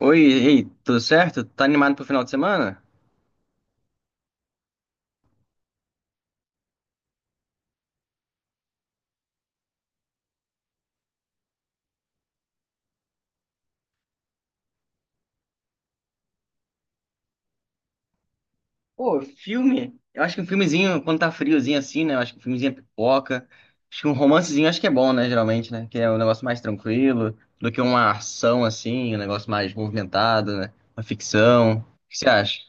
Oi, ei, tudo certo? Tá animado pro final de semana? Pô, filme? Eu acho que um filmezinho, quando tá friozinho assim, né? Eu acho que um filmezinho é pipoca. Acho que um romancezinho acho que é bom, né? Geralmente, né? Que é um negócio mais tranquilo do que uma ação assim, um negócio mais movimentado, né? Uma ficção. O que você acha?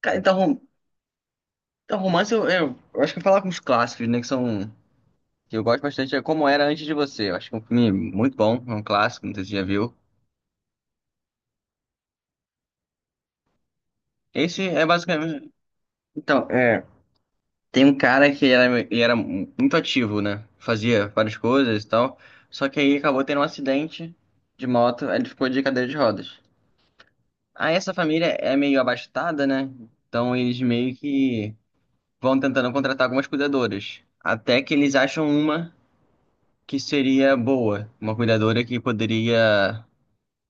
Cara, então, então romance eu acho que eu vou falar com os clássicos, né? Que são. Que eu gosto bastante, é Como Era Antes de Você. Eu acho que é um filme muito bom, é um clássico, não sei se você já viu. Esse é basicamente. Então, é. Tem um cara que era, ele era muito ativo, né? Fazia várias coisas e tal. Só que aí acabou tendo um acidente de moto, aí ele ficou de cadeira de rodas. Aí essa família é meio abastada, né? Então eles meio que vão tentando contratar algumas cuidadoras. Até que eles acham uma que seria boa, uma cuidadora que poderia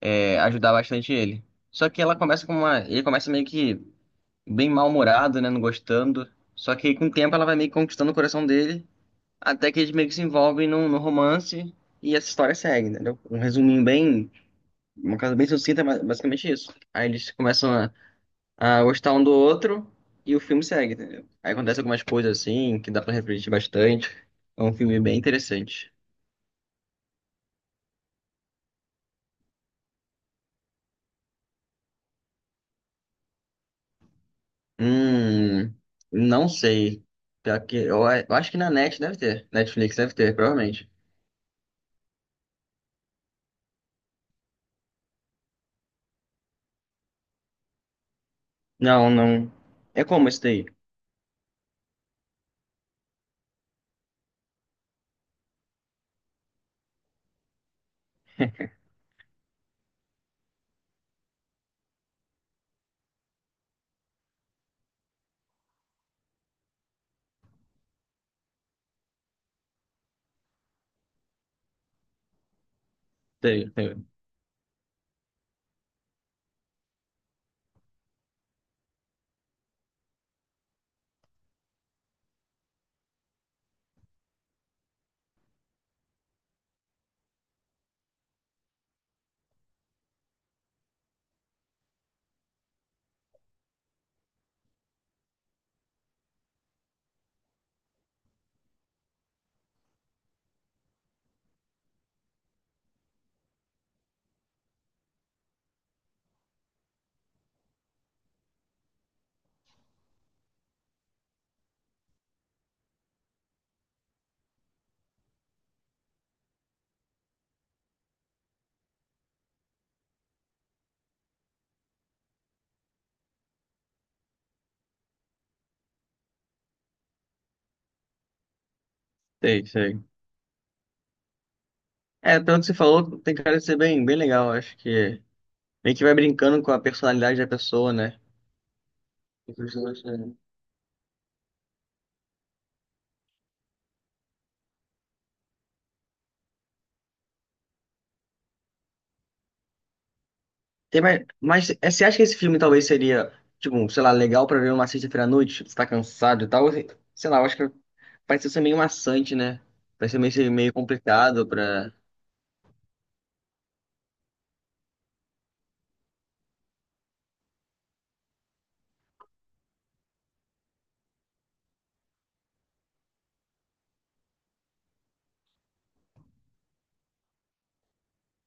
ajudar bastante ele. Só que ela começa com uma. Ele começa meio que bem mal-humorado, né? Não gostando. Só que aí, com o tempo ela vai meio que conquistando o coração dele. Até que eles meio que se envolvem num romance e essa história segue, entendeu? Um resuminho bem, uma coisa bem sucinta, mas basicamente isso. Aí eles começam a gostar um do outro e o filme segue, entendeu? Aí acontece algumas coisas assim que dá pra refletir bastante. É um filme bem interessante. Hum, não sei. Pior que, eu acho que na Net deve ter. Netflix deve ter, provavelmente. Não, não. É como esse daí? Sei, sei, sei, sei. É, pelo que você falou, tem cara de ser bem, bem legal, acho que. Meio que vai brincando com a personalidade da pessoa, né? Tem mais... Mas é, você acha que esse filme talvez seria, tipo, sei lá, legal pra ver uma sexta-feira à noite? Você tá cansado e tal? Sei sei lá, eu acho que vai ser meio maçante, né? Vai ser meio complicado pra.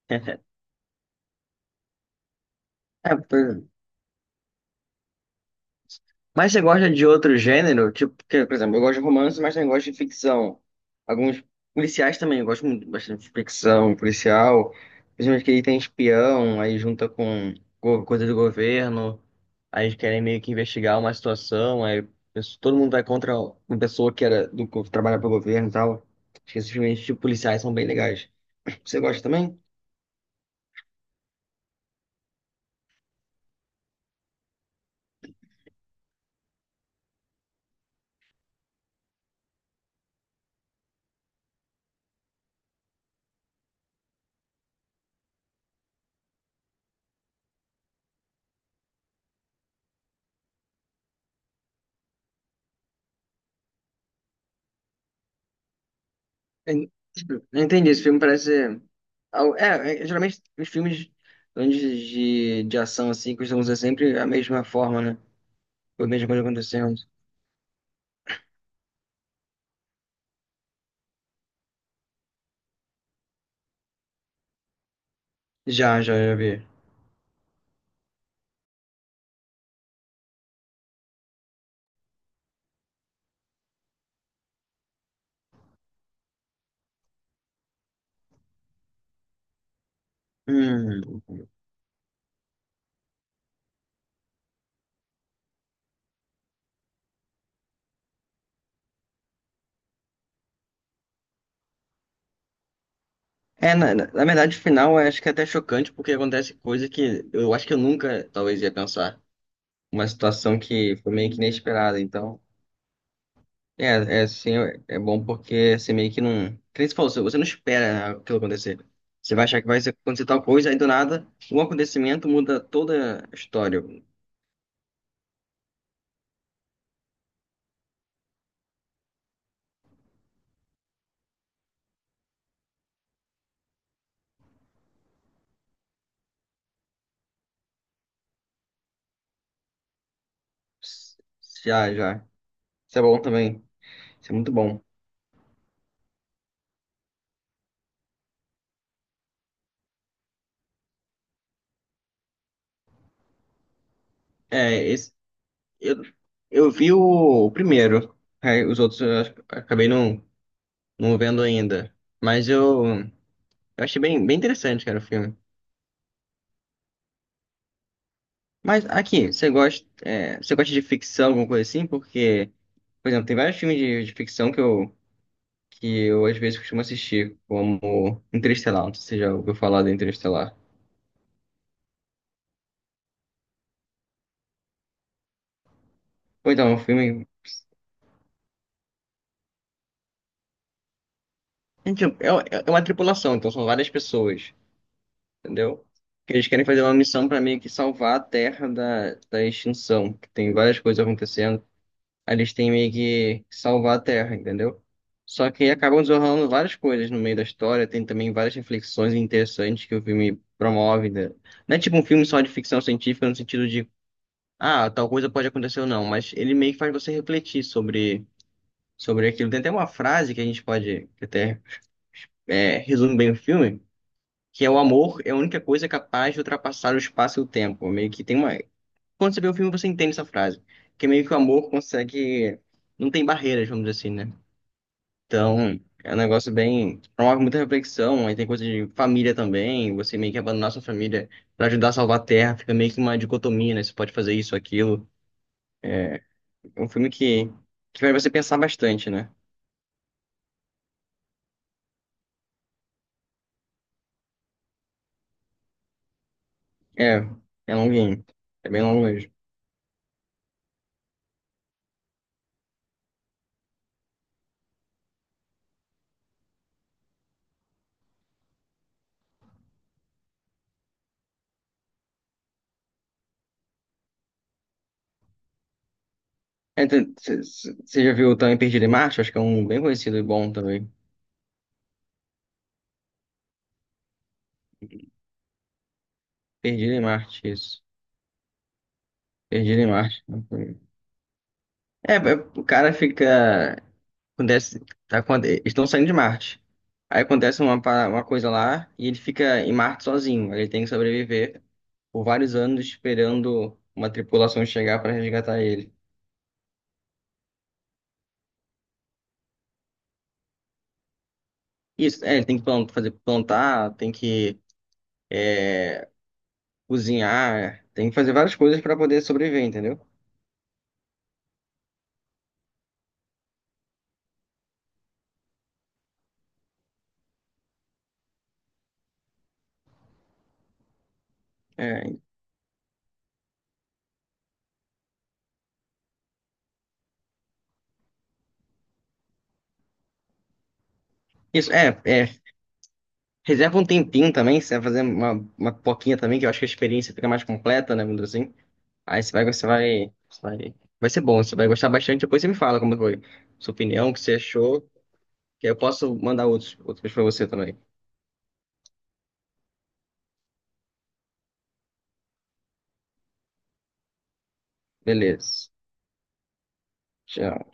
É, pois é. Mas você gosta de outro gênero? Tipo, que, por exemplo, eu gosto de romance, mas também gosto de ficção. Alguns policiais também, eu gosto muito bastante de ficção policial. Principalmente que aí tem espião, aí junta com coisa do governo, aí eles querem meio que investigar uma situação, aí todo mundo vai contra uma pessoa que era que trabalha para o governo e tal. Acho que esses filmes de policiais são bem legais. Você gosta também? en- Entendi, esse filme parece. É, é, geralmente os filmes grandes de ação assim costumam ser sempre a mesma forma, né? A mesma coisa acontecendo. Já, já, já vi. Hum. É, na verdade, o final eu acho que é até chocante, porque acontece coisa que eu acho que eu nunca talvez ia pensar. Uma situação que foi meio que inesperada, então. É, é sim, é bom porque você meio que não. Que nem você falou, você não espera aquilo acontecer. Você vai achar que vai acontecer tal coisa, aí do nada, um acontecimento muda toda a história. S- Já, já. Isso é bom também. Isso é muito bom. É, esse, eu, eu vi o primeiro. Aí os outros eu acabei não vendo ainda. Mas eu achei bem, bem interessante, cara, o filme. Mas aqui, você gosta, é, você gosta de ficção, alguma coisa assim? Porque, por exemplo, tem vários filmes de ficção que eu às vezes costumo assistir, como Interestelar, não sei se você já ouviu falar de Interestelar. Ou então, é um filme. Gente, é, é uma tripulação, então são várias pessoas, entendeu? Que eles querem fazer uma missão para meio que salvar a Terra da extinção, que tem várias coisas acontecendo. Aí eles têm meio que salvar a Terra, entendeu? Só que acabam desenrolando várias coisas no meio da história, tem também várias reflexões interessantes que o filme promove. Né? Não é tipo um filme só de ficção científica no sentido de, ah, tal coisa pode acontecer ou não, mas ele meio que faz você refletir sobre, sobre aquilo. Tem até uma frase que a gente pode, que até resume bem o filme, que é o amor é a única coisa capaz de ultrapassar o espaço e o tempo. Meio que tem uma... Quando você vê o filme, você entende essa frase, que meio que o amor consegue... Não tem barreiras, vamos dizer assim, né? Então, é um negócio bem. Promove muita reflexão, aí tem coisa de família também, você meio que abandonar sua família pra ajudar a salvar a Terra, fica meio que uma dicotomia, né? Você pode fazer isso, aquilo. É um filme que faz você pensar bastante, né? É, é longuinho. É bem longo mesmo. É, então, Você já viu também Perdido em Marte? Acho que é um bem conhecido e bom também. Perdido em Marte, isso. Perdido em Marte. É, é, o cara fica. Acontece, tá, eles estão saindo de Marte. Aí acontece uma coisa lá e ele fica em Marte sozinho. Ele tem que sobreviver por vários anos esperando uma tripulação chegar para resgatar ele. Isso, é, ele tem que fazer plantar, tem que é, cozinhar, tem que fazer várias coisas para poder sobreviver, entendeu? É, isso, é, é. Reserva um tempinho também, se você vai fazer uma poquinha também, que eu acho que a experiência fica mais completa, né, vamos dizer assim. Aí você vai, vai ser bom, você vai gostar bastante. Depois você me fala como foi sua opinião, o que você achou, que aí eu posso mandar outros, outros para você também. Beleza. Tchau.